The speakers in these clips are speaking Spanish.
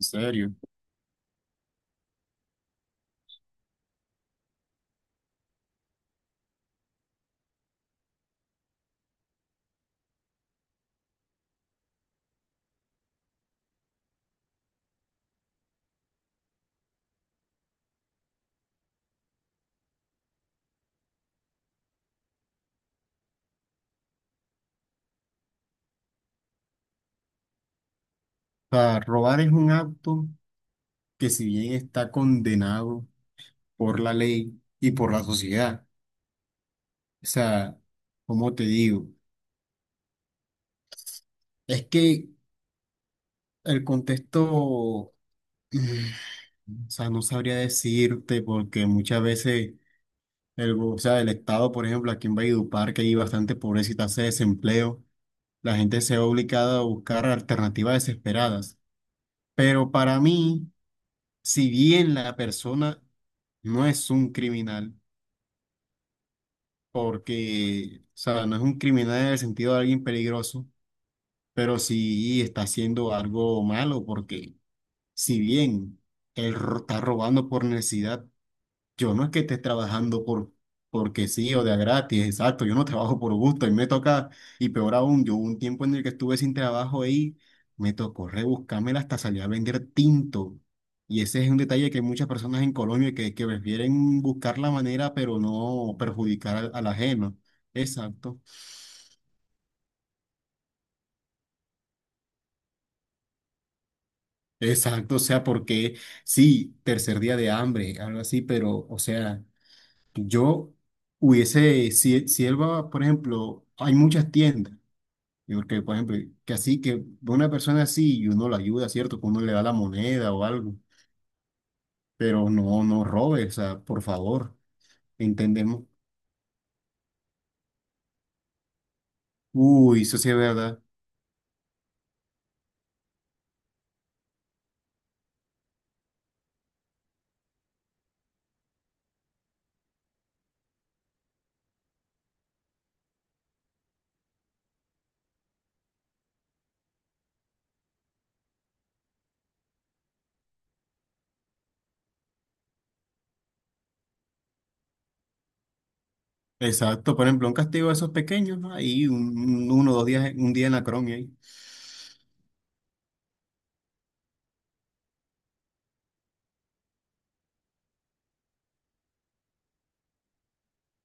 En serio. O sea, robar es un acto que si bien está condenado por la ley y por la sociedad, o sea, como te digo? Es que el contexto, mm, o sea, no sabría decirte porque muchas veces o sea, el Estado, por ejemplo, aquí en Valledupar, que hay bastante pobreza y tasa de desempleo, la gente se ve obligada a buscar alternativas desesperadas. Pero para mí, si bien la persona no es un criminal, porque, o sea, no es un criminal en el sentido de alguien peligroso, pero sí está haciendo algo malo, porque si bien está robando por necesidad, yo no es que esté trabajando por, porque sí o de a gratis, exacto. Yo no trabajo por gusto y me toca, y peor aún, yo hubo un tiempo en el que estuve sin trabajo ahí, me tocó rebuscármela hasta salir a vender tinto. Y ese es un detalle que hay muchas personas en Colombia que prefieren buscar la manera, pero no perjudicar al, al ajeno. Exacto, exacto. O sea, porque sí, tercer día de hambre, algo así, pero, o sea, yo hubiese, si él va, por ejemplo, hay muchas tiendas. Y porque, por ejemplo, que así, que una persona así y uno la ayuda, ¿cierto? Que uno le da la moneda o algo, pero no, no robes, o sea, por favor, entendemos. Uy, eso sí es verdad. Exacto, por ejemplo, un castigo de esos pequeños, ¿no? Ahí uno o dos días, un día en la cron, ahí.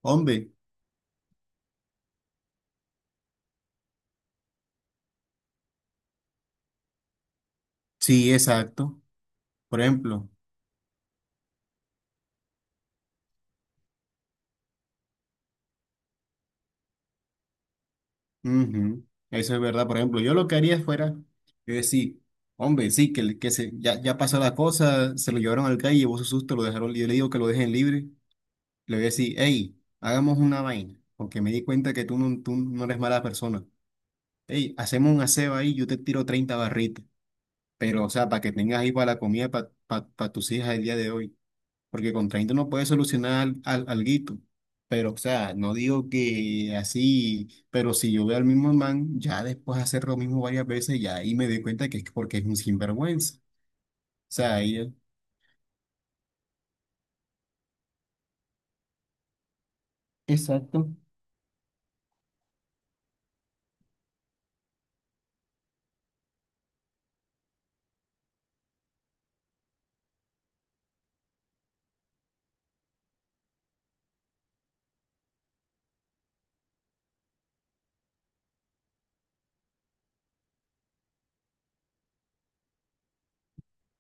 Hombre, sí, exacto. Por ejemplo, ujú. Eso es verdad. Por ejemplo, yo lo que haría fuera, yo decir, hombre, sí, que, ya pasó la cosa, se lo llevaron al calle, llevó su susto, lo dejaron, yo le digo que lo dejen libre. Le voy a decir, hey, hagamos una vaina, porque me di cuenta que tú no eres mala persona. Hey, hacemos un aseo ahí, yo te tiro 30 barritas, pero o sea, para que tengas ahí para la comida para tus hijas el día de hoy, porque con 30 no puedes solucionar alguito. Pero, o sea, no digo que así, pero si yo veo al mismo man, ya después de hacer lo mismo varias veces, ya ahí me doy cuenta que es porque es un sinvergüenza. O sea, ahí... Exacto.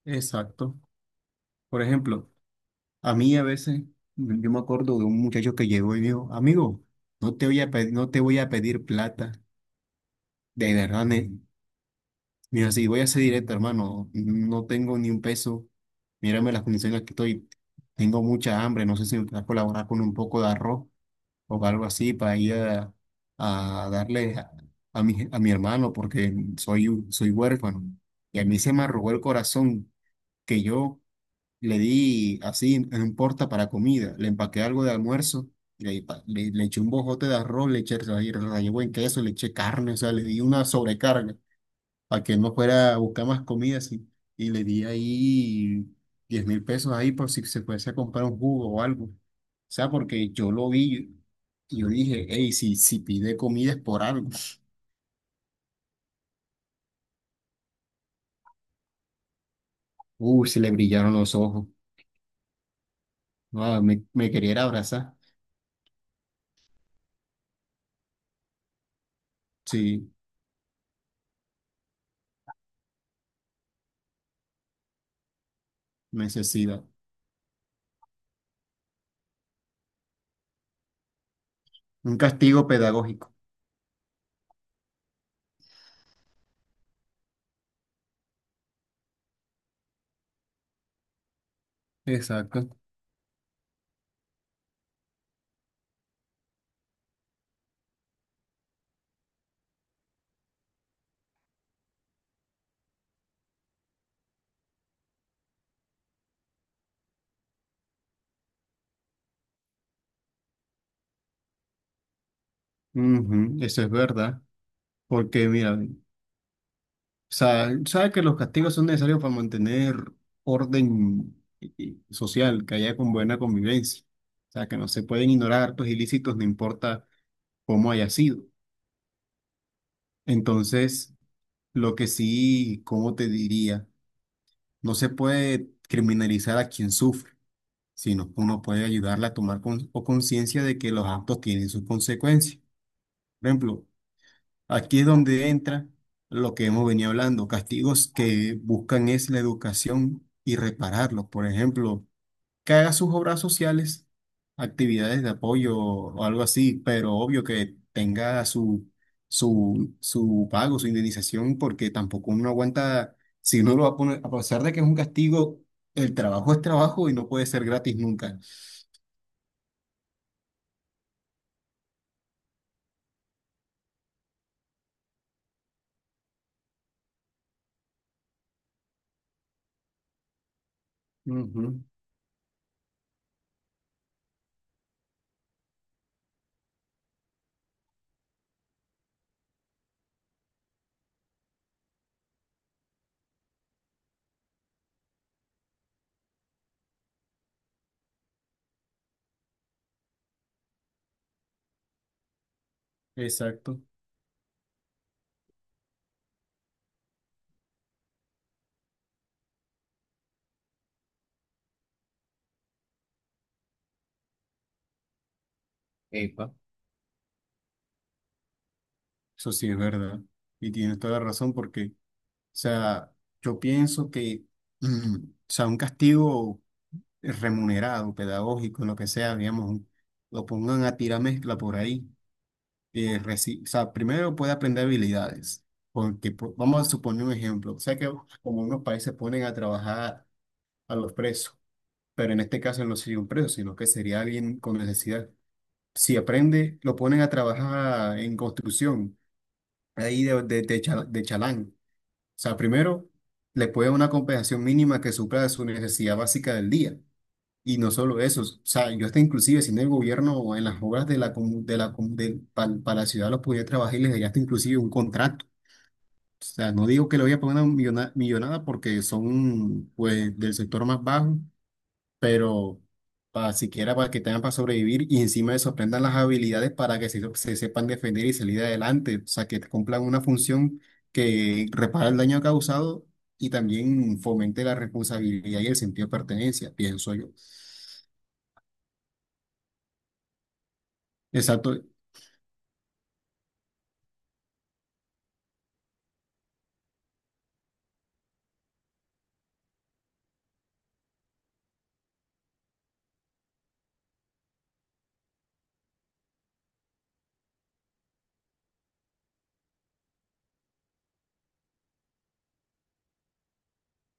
Exacto. Por ejemplo. A mí a veces yo me acuerdo de un muchacho que llegó y dijo, amigo, no te voy a pedir, no te voy a pedir plata. De verdad, mira, si voy a ser directo, hermano, no tengo ni un peso. Mírame las condiciones en las que estoy. Tengo mucha hambre, no sé si me puedes colaborar con un poco de arroz o algo así para ir a darle a, a mi hermano porque soy, soy huérfano. Y a mí se me arrugó el corazón que yo le di así en un porta para comida, le empaqué algo de almuerzo, le eché un bojote de arroz, rallé buen queso, le eché carne, o sea, le di una sobrecarga para que no fuera a buscar más comida así. Y le di ahí $10.000 ahí por si se fuese a comprar un jugo o algo. O sea, porque yo lo vi y yo dije, hey, si pide comida es por algo. Uy, se le brillaron los ojos. No, me quería era abrazar. Sí, necesidad. Un castigo pedagógico. Exacto. Ujú. Eso es verdad. Porque, mira, o sea, sabe que los castigos son necesarios para mantener y social, que haya con buena convivencia. O sea, que no se pueden ignorar actos ilícitos, no importa cómo haya sido. Entonces, lo que sí, ¿cómo te diría? No se puede criminalizar a quien sufre, sino que uno puede ayudarle a tomar con- o conciencia de que los actos tienen sus consecuencias. Por ejemplo, aquí es donde entra lo que hemos venido hablando, castigos que buscan es la educación y repararlos. Por ejemplo, que haga sus obras sociales, actividades de apoyo o algo así, pero obvio que tenga su pago, su indemnización, porque tampoco uno aguanta, si uno lo va a poner, a pesar de que es un castigo, el trabajo es trabajo y no puede ser gratis nunca. Ujú, exacto. Epa. Eso sí es verdad. Y tienes toda la razón porque... O sea, yo pienso que, o sea, un castigo remunerado, pedagógico, lo que sea, digamos, lo pongan a tirar mezcla por ahí. O sea, primero puede aprender habilidades, porque vamos a suponer un ejemplo. O sea, que como unos países ponen a trabajar a los presos, pero en este caso no sería un preso, sino que sería alguien con necesidad. Si aprende, lo ponen a trabajar en construcción, ahí de chalán sea, primero, le puede dar una compensación mínima que supla su necesidad básica del día. Y no solo eso, o sea, yo hasta inclusive si en el gobierno o en las obras de la, comu- de la, comu- de- pa- para la ciudad los pudiera trabajar y les daría hasta inclusive un contrato. O sea, no digo que le voy a poner una millonada porque son, pues, del sector más bajo, pero para siquiera para que tengan para sobrevivir y encima de eso aprendan las habilidades para que se sepan defender y salir adelante, o sea, que cumplan una función que repara el daño causado y también fomente la responsabilidad y el sentido de pertenencia, pienso yo. Exacto,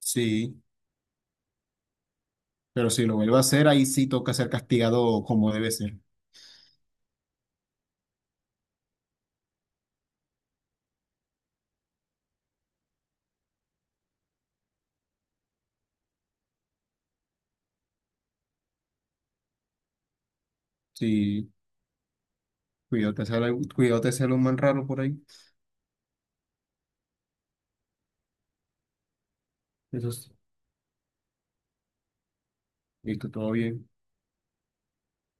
sí, pero si lo vuelvo a hacer, ahí sí toca ser castigado como debe ser. Sí, cuídate, ser, cuídate, ser un man raro por ahí. Eso sí, listo, todo bien.